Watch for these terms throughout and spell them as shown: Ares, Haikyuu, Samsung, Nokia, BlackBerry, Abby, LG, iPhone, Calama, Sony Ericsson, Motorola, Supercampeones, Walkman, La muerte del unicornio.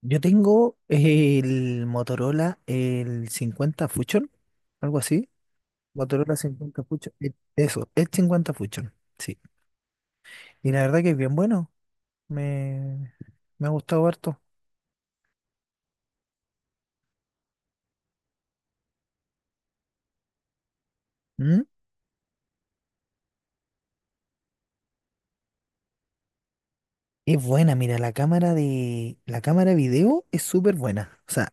Yo tengo el Motorola, el 50 Fusion, algo así. Motorola 50 Fusion. Eso, el 50 Fusion, sí. Y la verdad que es bien bueno. Me, Me ha gustado harto. ¿Mm? Es buena, mira, la cámara video es súper buena. O sea,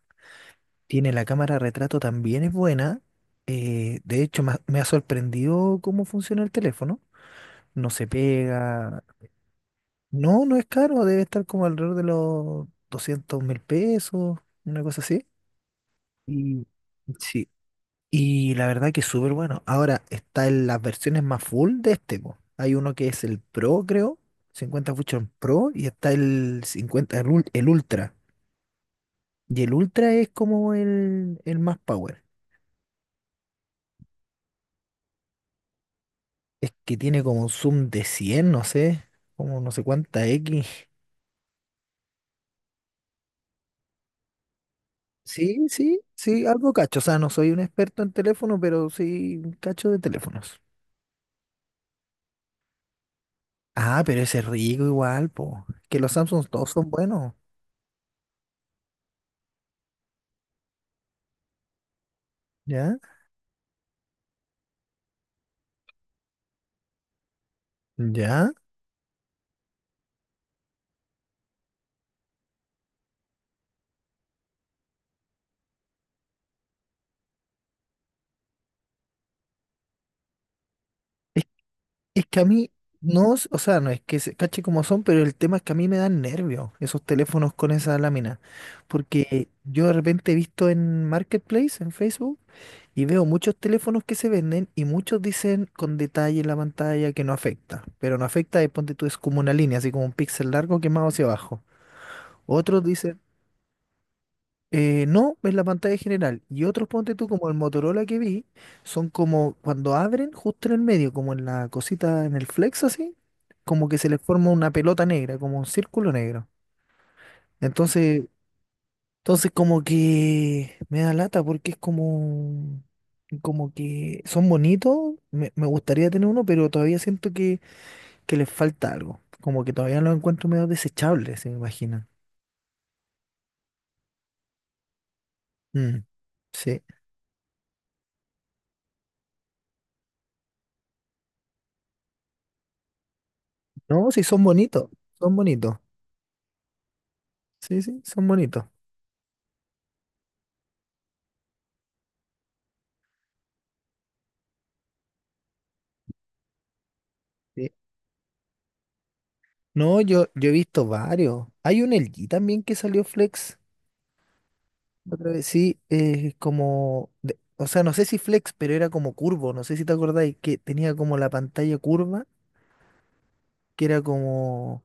tiene la cámara retrato también es buena. De hecho, me ha sorprendido cómo funciona el teléfono. No se pega. No, no es caro, debe estar como alrededor de los $200.000, una cosa así. Y sí, y la verdad que es súper bueno. Ahora está en las versiones más full de este, po. Hay uno que es el Pro, creo, 50 Fusion Pro, y está el 50 el Ultra. Y el Ultra es como el más power. Es que tiene como un zoom de 100, no sé, como no sé cuánta X. Sí, sí, sí, algo cacho. O sea, no soy un experto en teléfono, pero sí cacho de teléfonos. Ah, pero ese es rico igual, po. Que los Samsung todos son buenos. ¿Ya? ¿Ya? Es, es que a mí, no, o sea, no es que se cache como son, pero el tema es que a mí me dan nervios esos teléfonos con esa lámina. Porque yo de repente he visto en Marketplace, en Facebook, y veo muchos teléfonos que se venden y muchos dicen con detalle en la pantalla que no afecta. Pero no afecta, es, ponte tú, es como una línea, así como un píxel largo quemado hacia abajo. Otros dicen, no, es la pantalla general. Y otros, ponte tú, como el Motorola que vi, son como cuando abren justo en el medio, como en la cosita, en el flex así, como que se les forma una pelota negra, como un círculo negro. Entonces, Entonces, como que me da lata, porque es como, como que son bonitos, me gustaría tener uno, pero todavía siento que les falta algo. Como que todavía los encuentro medio desechables, se me imagina. Mm, sí. No, sí, son bonitos, son bonitos. Sí, sí, son bonitos. Sí. No, yo he visto varios. Hay un LG también que salió Flex. Otra vez, sí, como, o sea, no sé si Flex, pero era como curvo, no sé si te acordáis, que tenía como la pantalla curva, que era como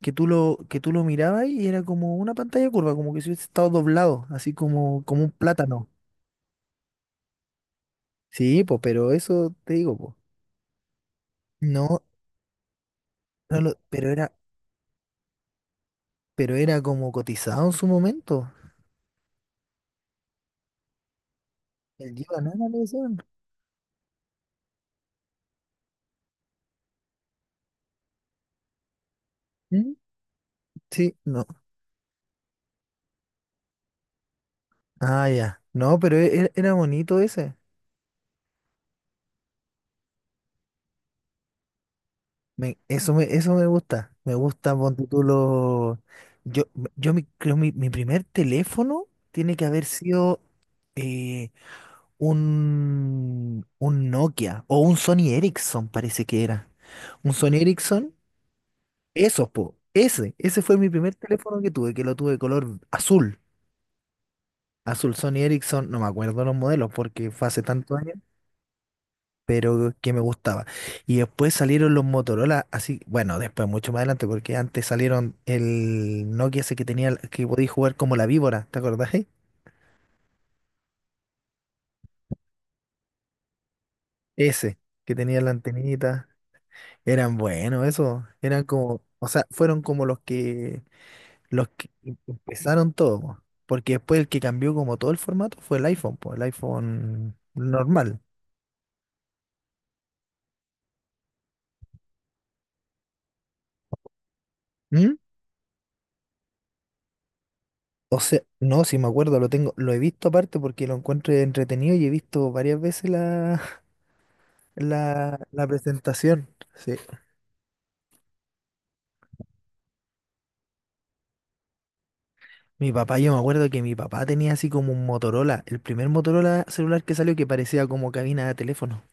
que tú lo mirabas y era como una pantalla curva, como que si hubiese estado doblado, así como, como un plátano. Sí, pues, pero eso te digo, pues. No, pero pero era como cotizado en su momento. El día nada le decían. ¿Mm? Sí, no. Ah, ya. No, pero era bonito ese. Eso eso me gusta. Me gusta, ponte tú, lo. Yo, yo mi primer teléfono tiene que haber sido. eh, un Nokia o un Sony Ericsson, parece que era. Un Sony Ericsson, esos, po. Ese fue mi primer teléfono que tuve, que lo tuve de color azul. Azul Sony Ericsson, no me acuerdo los modelos porque fue hace tantos años, pero que me gustaba. Y después salieron los Motorola, así, bueno, después mucho más adelante, porque antes salieron el Nokia ese que tenía, que podía jugar como la víbora, ¿te acordás? Ese, que tenía la antenita. Eran buenos, eso. Eran como, o sea, fueron como los que empezaron todo, po. Porque después el que cambió como todo el formato fue el iPhone, pues, el iPhone normal. ¿Mm? O sea, no, si me acuerdo, lo tengo, lo he visto aparte porque lo encuentro entretenido y he visto varias veces la, la presentación. Sí. Mi papá, yo me acuerdo que mi papá tenía así como un Motorola, el primer Motorola celular que salió, que parecía como cabina de teléfono.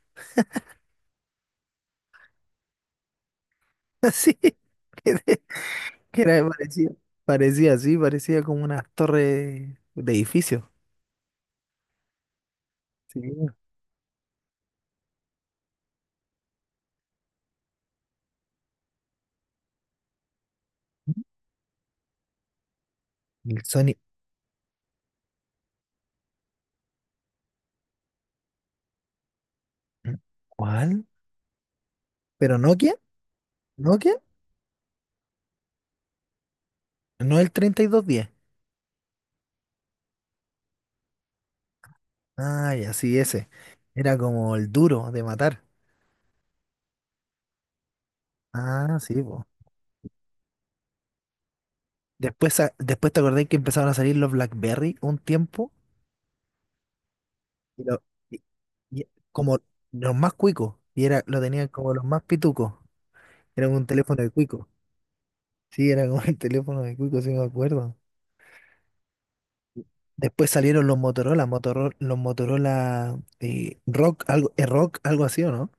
Así. Que era, parecía, parecía así, parecía como unas torres de edificios. Sí. El Sony, ¿cuál? ¿Pero Nokia? ¿Nokia? No, el 3210. Ay, así, ese. Era como el duro de matar. Ah, sí, po. Después, después te acordé que empezaron a salir los BlackBerry un tiempo. Y lo- y- y como los más cuicos. Y era, lo tenían como los más pitucos. Era un teléfono de cuico. Sí, era como el teléfono de cuico, sí me acuerdo. Después salieron los Motorola, Motorola, los Motorola Rock, algo así, ¿o no?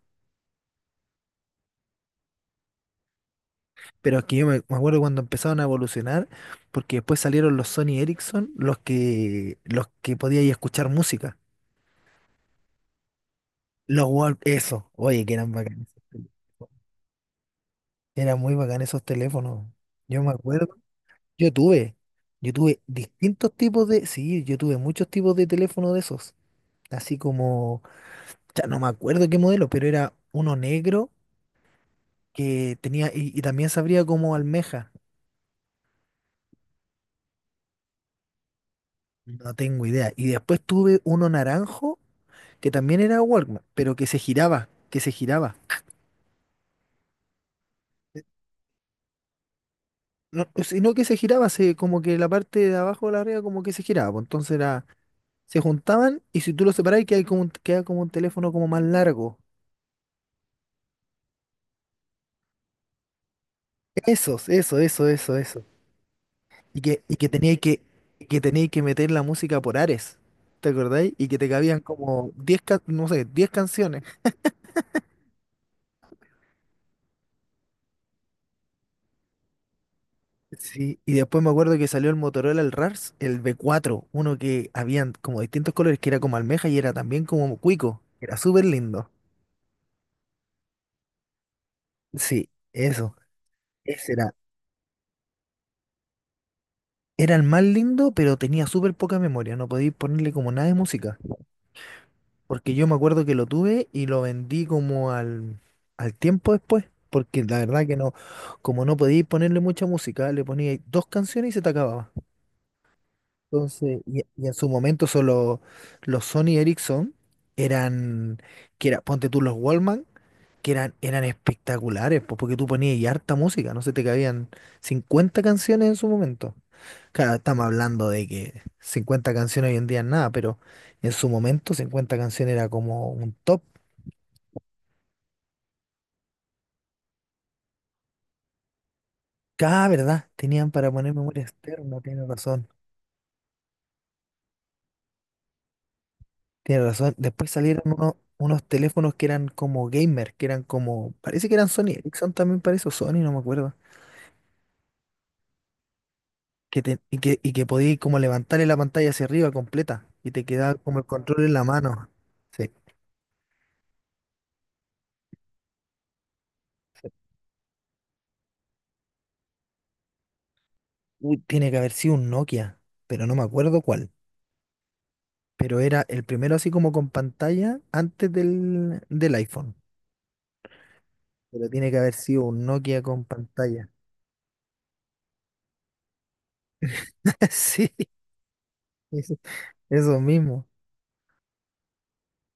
Pero aquí yo me acuerdo cuando empezaron a evolucionar, porque después salieron los Sony Ericsson, los que podíais escuchar música. Los eso, oye, que eran bacanes. Eran muy bacán esos teléfonos. Yo me acuerdo, yo tuve, yo tuve distintos tipos de, sí, yo tuve muchos tipos de teléfonos de esos. Así como, ya no me acuerdo qué modelo, pero era uno negro que tenía, y también sabría como almeja, no tengo idea. Y después tuve uno naranjo, que también era Walkman, pero que se giraba, que se giraba. No, sino que se giraba, se, como que la parte de abajo de la arriba como que se giraba, pues, entonces era, se juntaban y si tú lo separás queda como, queda como un teléfono como más largo. Esos, eso, eso, eso, eso. Y que tenía que meter la música por Ares, ¿te acordáis? Y que te cabían como 10, no sé, 10 canciones. Sí, y después me acuerdo que salió el Motorola, el RARS, el B4, uno que habían como distintos colores, que era como almeja y era también como cuico, era súper lindo. Sí, eso, ese era, era el más lindo, pero tenía súper poca memoria, no podía ponerle como nada de música, porque yo me acuerdo que lo tuve y lo vendí como al tiempo después, porque la verdad que no, como no podía ponerle mucha música, le ponía dos canciones y se te acababa. Entonces, y en su momento solo los Sony Ericsson eran, que era, ponte tú, los Wallman, que eran espectaculares, pues, porque tú ponías y harta música, no se te cabían 50 canciones en su momento. Claro, estamos hablando de que 50 canciones hoy en día es nada, pero en su momento 50 canciones era como un top. Cada verdad, tenían para poner memoria externa, tienes razón. Tienes razón. Después salieron unos, teléfonos que eran como gamer, que eran como, parece que eran Sony Ericsson también, parece, o Sony, no me acuerdo. Y que podías como levantarle la pantalla hacia arriba completa y te quedaba como el control en la mano. Sí. Sí. Uy, tiene que haber sido un Nokia, pero no me acuerdo cuál. Pero era el primero así como con pantalla antes del iPhone. Pero tiene que haber sido un Nokia con pantalla. Sí, eso eso mismo.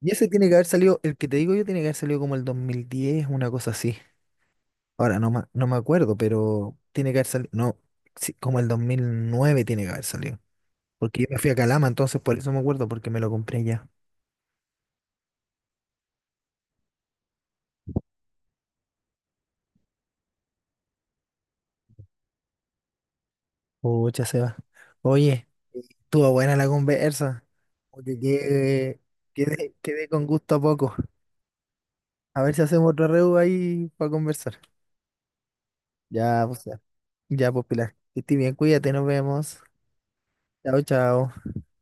Y ese tiene que haber salido, el que te digo yo tiene que haber salido como el 2010, una cosa así. Ahora no, no me acuerdo, pero tiene que haber salido, no, sí, como el 2009 tiene que haber salido. Porque yo me fui a Calama, entonces por eso me acuerdo, porque me lo compré ya. Pucha, Seba. Oye, estuvo buena la conversa. Porque quedé con gusto a poco. A ver si hacemos otro reu ahí para conversar. Ya, pues, ya, pues, Pilar. Que estés bien, cuídate, nos vemos. Chao, chao.